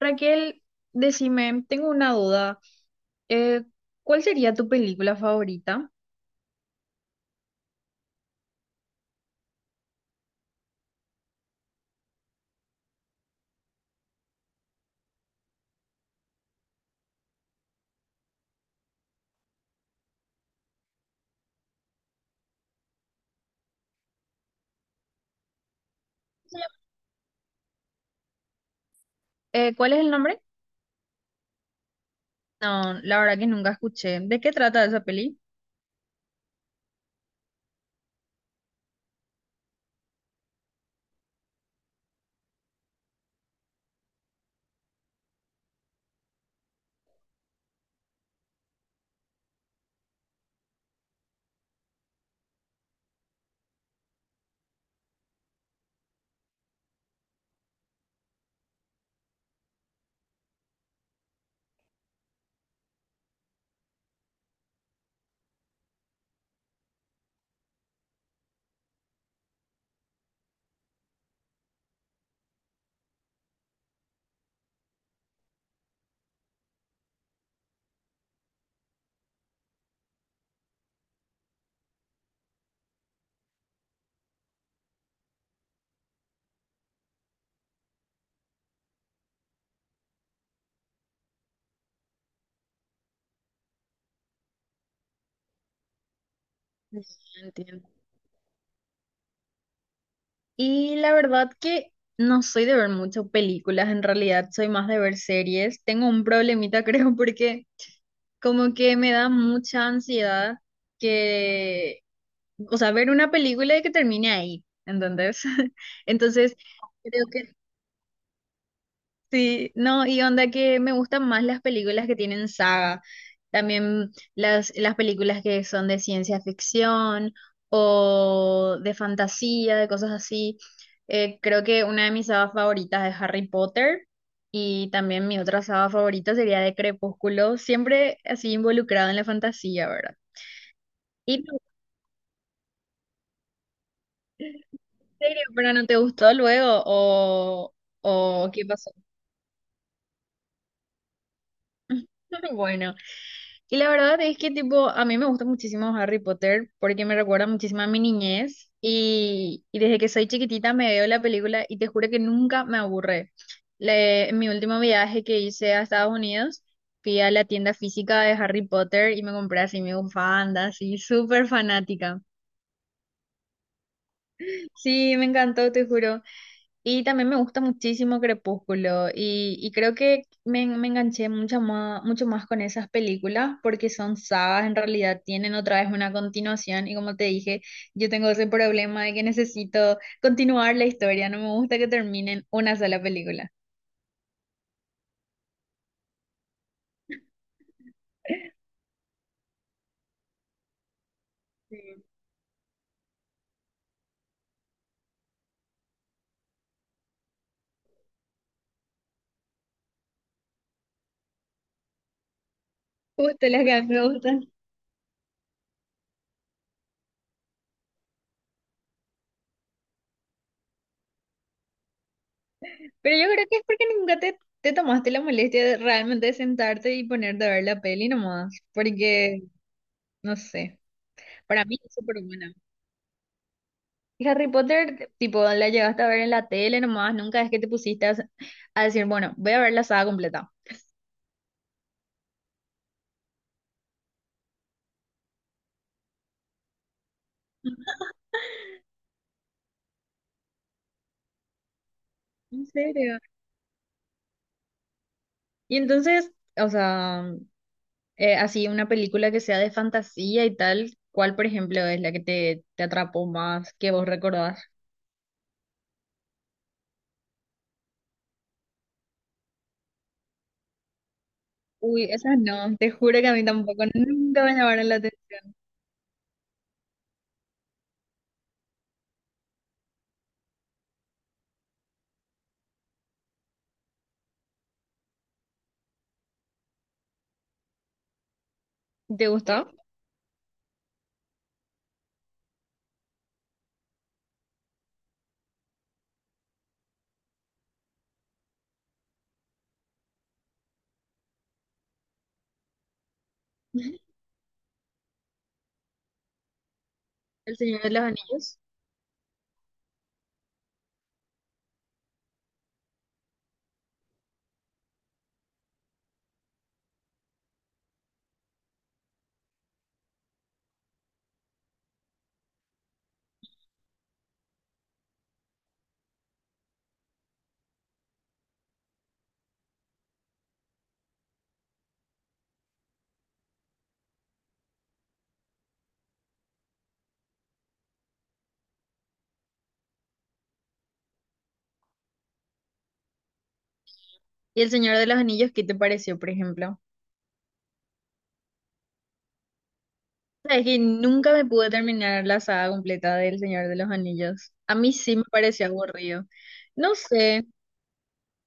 Raquel, decime, tengo una duda. Eh, ¿Cuál sería tu película favorita? ¿Cuál es el nombre? No, la verdad que nunca escuché. ¿De qué trata esa peli? Mm. Entiendo. Y la verdad que no soy de ver mucho películas, en realidad soy más de ver series. Tengo un problemita, creo, porque como que me da mucha ansiedad que, o sea, ver una película y que termine ahí, ¿entendés? Entonces, creo que sí. No, y onda que me gustan más las películas que tienen saga, también las películas que son de ciencia ficción o de fantasía, de cosas así. Creo que una de mis sagas favoritas es Harry Potter y también mi otra saga favorita sería de Crepúsculo, siempre así involucrado en la fantasía, ¿verdad? ¿Y tú, en serio, pero no te gustó luego o qué pasó? Bueno. Y la verdad es que tipo, a mí me gusta muchísimo Harry Potter porque me recuerda muchísimo a mi niñez y desde que soy chiquitita me veo la película y te juro que nunca me aburre. Le- en mi último viaje que hice a Estados Unidos, fui a la tienda física de Harry Potter y me compré así mi bufanda, así súper fanática. Sí, me encantó, te juro. Y también me gusta muchísimo Crepúsculo y creo que me enganché mucho más con esas películas porque son sagas, en realidad tienen otra vez una continuación y como te dije, yo tengo ese problema de que necesito continuar la historia, no me gusta que terminen una sola película. Justo las que a mí me gustan. Pero yo creo que es porque nunca te, te tomaste la molestia de realmente sentarte y ponerte a ver la peli nomás, porque no sé, para mí es súper buena. Harry Potter, tipo, la llegaste a ver en la tele nomás, nunca es que te pusiste a decir, bueno, voy a ver la saga completa. ¿En serio? Y entonces, o sea, así una película que sea de fantasía y tal, ¿cuál, por ejemplo, es la que te atrapó más, que vos recordás? Uy, esas no, te juro que a mí tampoco, nunca me llamaron la atención. ¿Te gustó? El Señor de los Anillos. ¿Y el Señor de los Anillos qué te pareció, por ejemplo? Sabes que nunca me pude terminar la saga completa del Señor de los Anillos. A mí sí me pareció aburrido. No sé,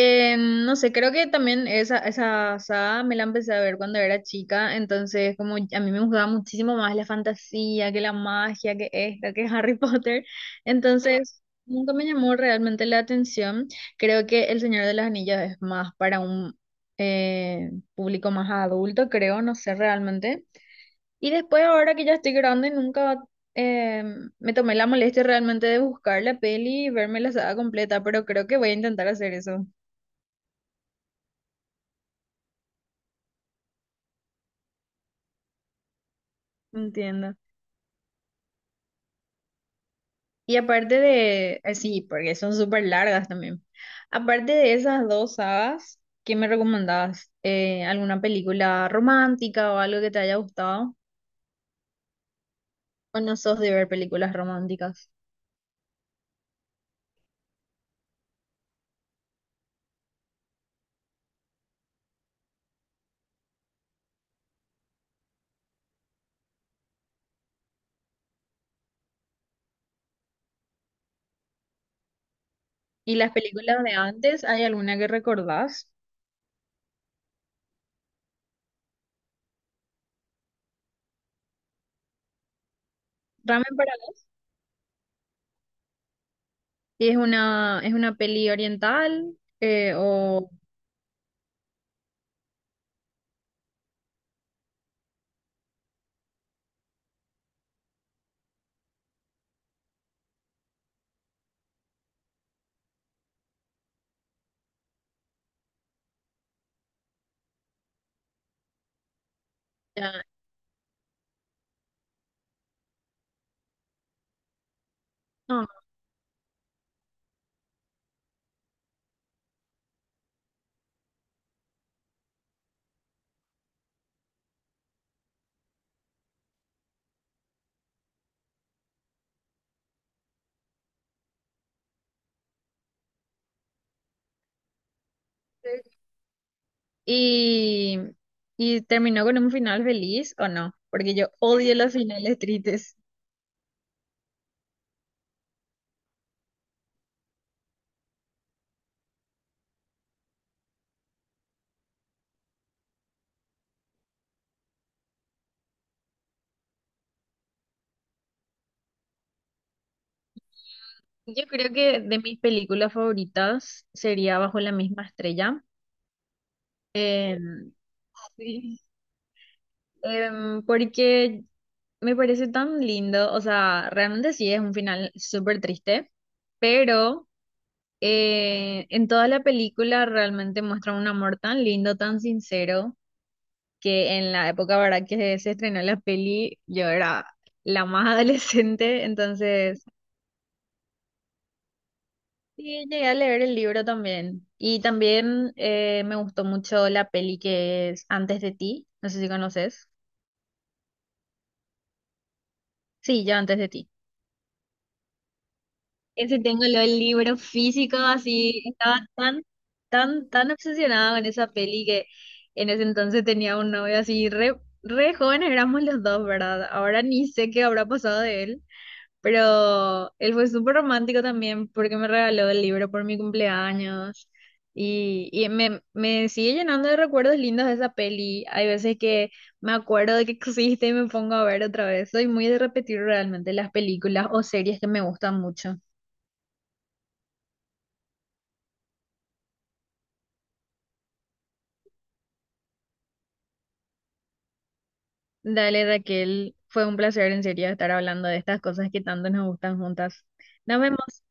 no sé, creo que también esa saga me la empecé a ver cuando era chica, entonces como a mí me gustaba muchísimo más la fantasía, que la magia, que esta, que Harry Potter. Entonces, nunca me llamó realmente la atención. Creo que El Señor de los Anillos es más para un público más adulto, creo, no sé realmente. Y después, ahora que ya estoy grande, nunca eh, me tomé la molestia realmente de buscar la peli y verme la saga completa, pero creo que voy a intentar hacer eso. Entiendo. Y aparte de, sí, porque son súper largas también. Aparte de esas dos sagas, ¿qué me recomendabas? ¿Alguna película romántica o algo que te haya gustado? ¿O no sos de ver películas románticas? ¿Y las películas de antes, hay alguna que recordás? Ramen para... ¿Y es una peli oriental? O ya, no. ¿Y, y terminó con un final feliz o no? Porque yo odio los finales tristes. Yo creo que de mis películas favoritas sería Bajo la misma estrella. Em, sí. Porque me parece tan lindo, o sea, realmente sí es un final súper triste, pero en toda la película realmente muestra un amor tan lindo, tan sincero, que en la época, ¿verdad? Que se estrenó la peli, yo era la más adolescente, entonces sí, llegué a leer el libro también. Y también me gustó mucho la peli que es Antes de ti, no sé si conoces. Sí, yo Antes de ti. Ese tengo lo del libro físico, así estaba tan, tan, tan obsesionada con esa peli que en ese entonces tenía un novio así re, re jóvenes éramos los dos, ¿verdad? Ahora ni sé qué habrá pasado de él, pero él fue súper romántico también porque me regaló el libro por mi cumpleaños y me sigue llenando de recuerdos lindos de esa peli. Hay veces que me acuerdo de que existe y me pongo a ver otra vez. Soy muy de repetir realmente las películas o series que me gustan mucho. Dale, Raquel, fue un placer en serio estar hablando de estas cosas que tanto nos gustan juntas. Nos vemos.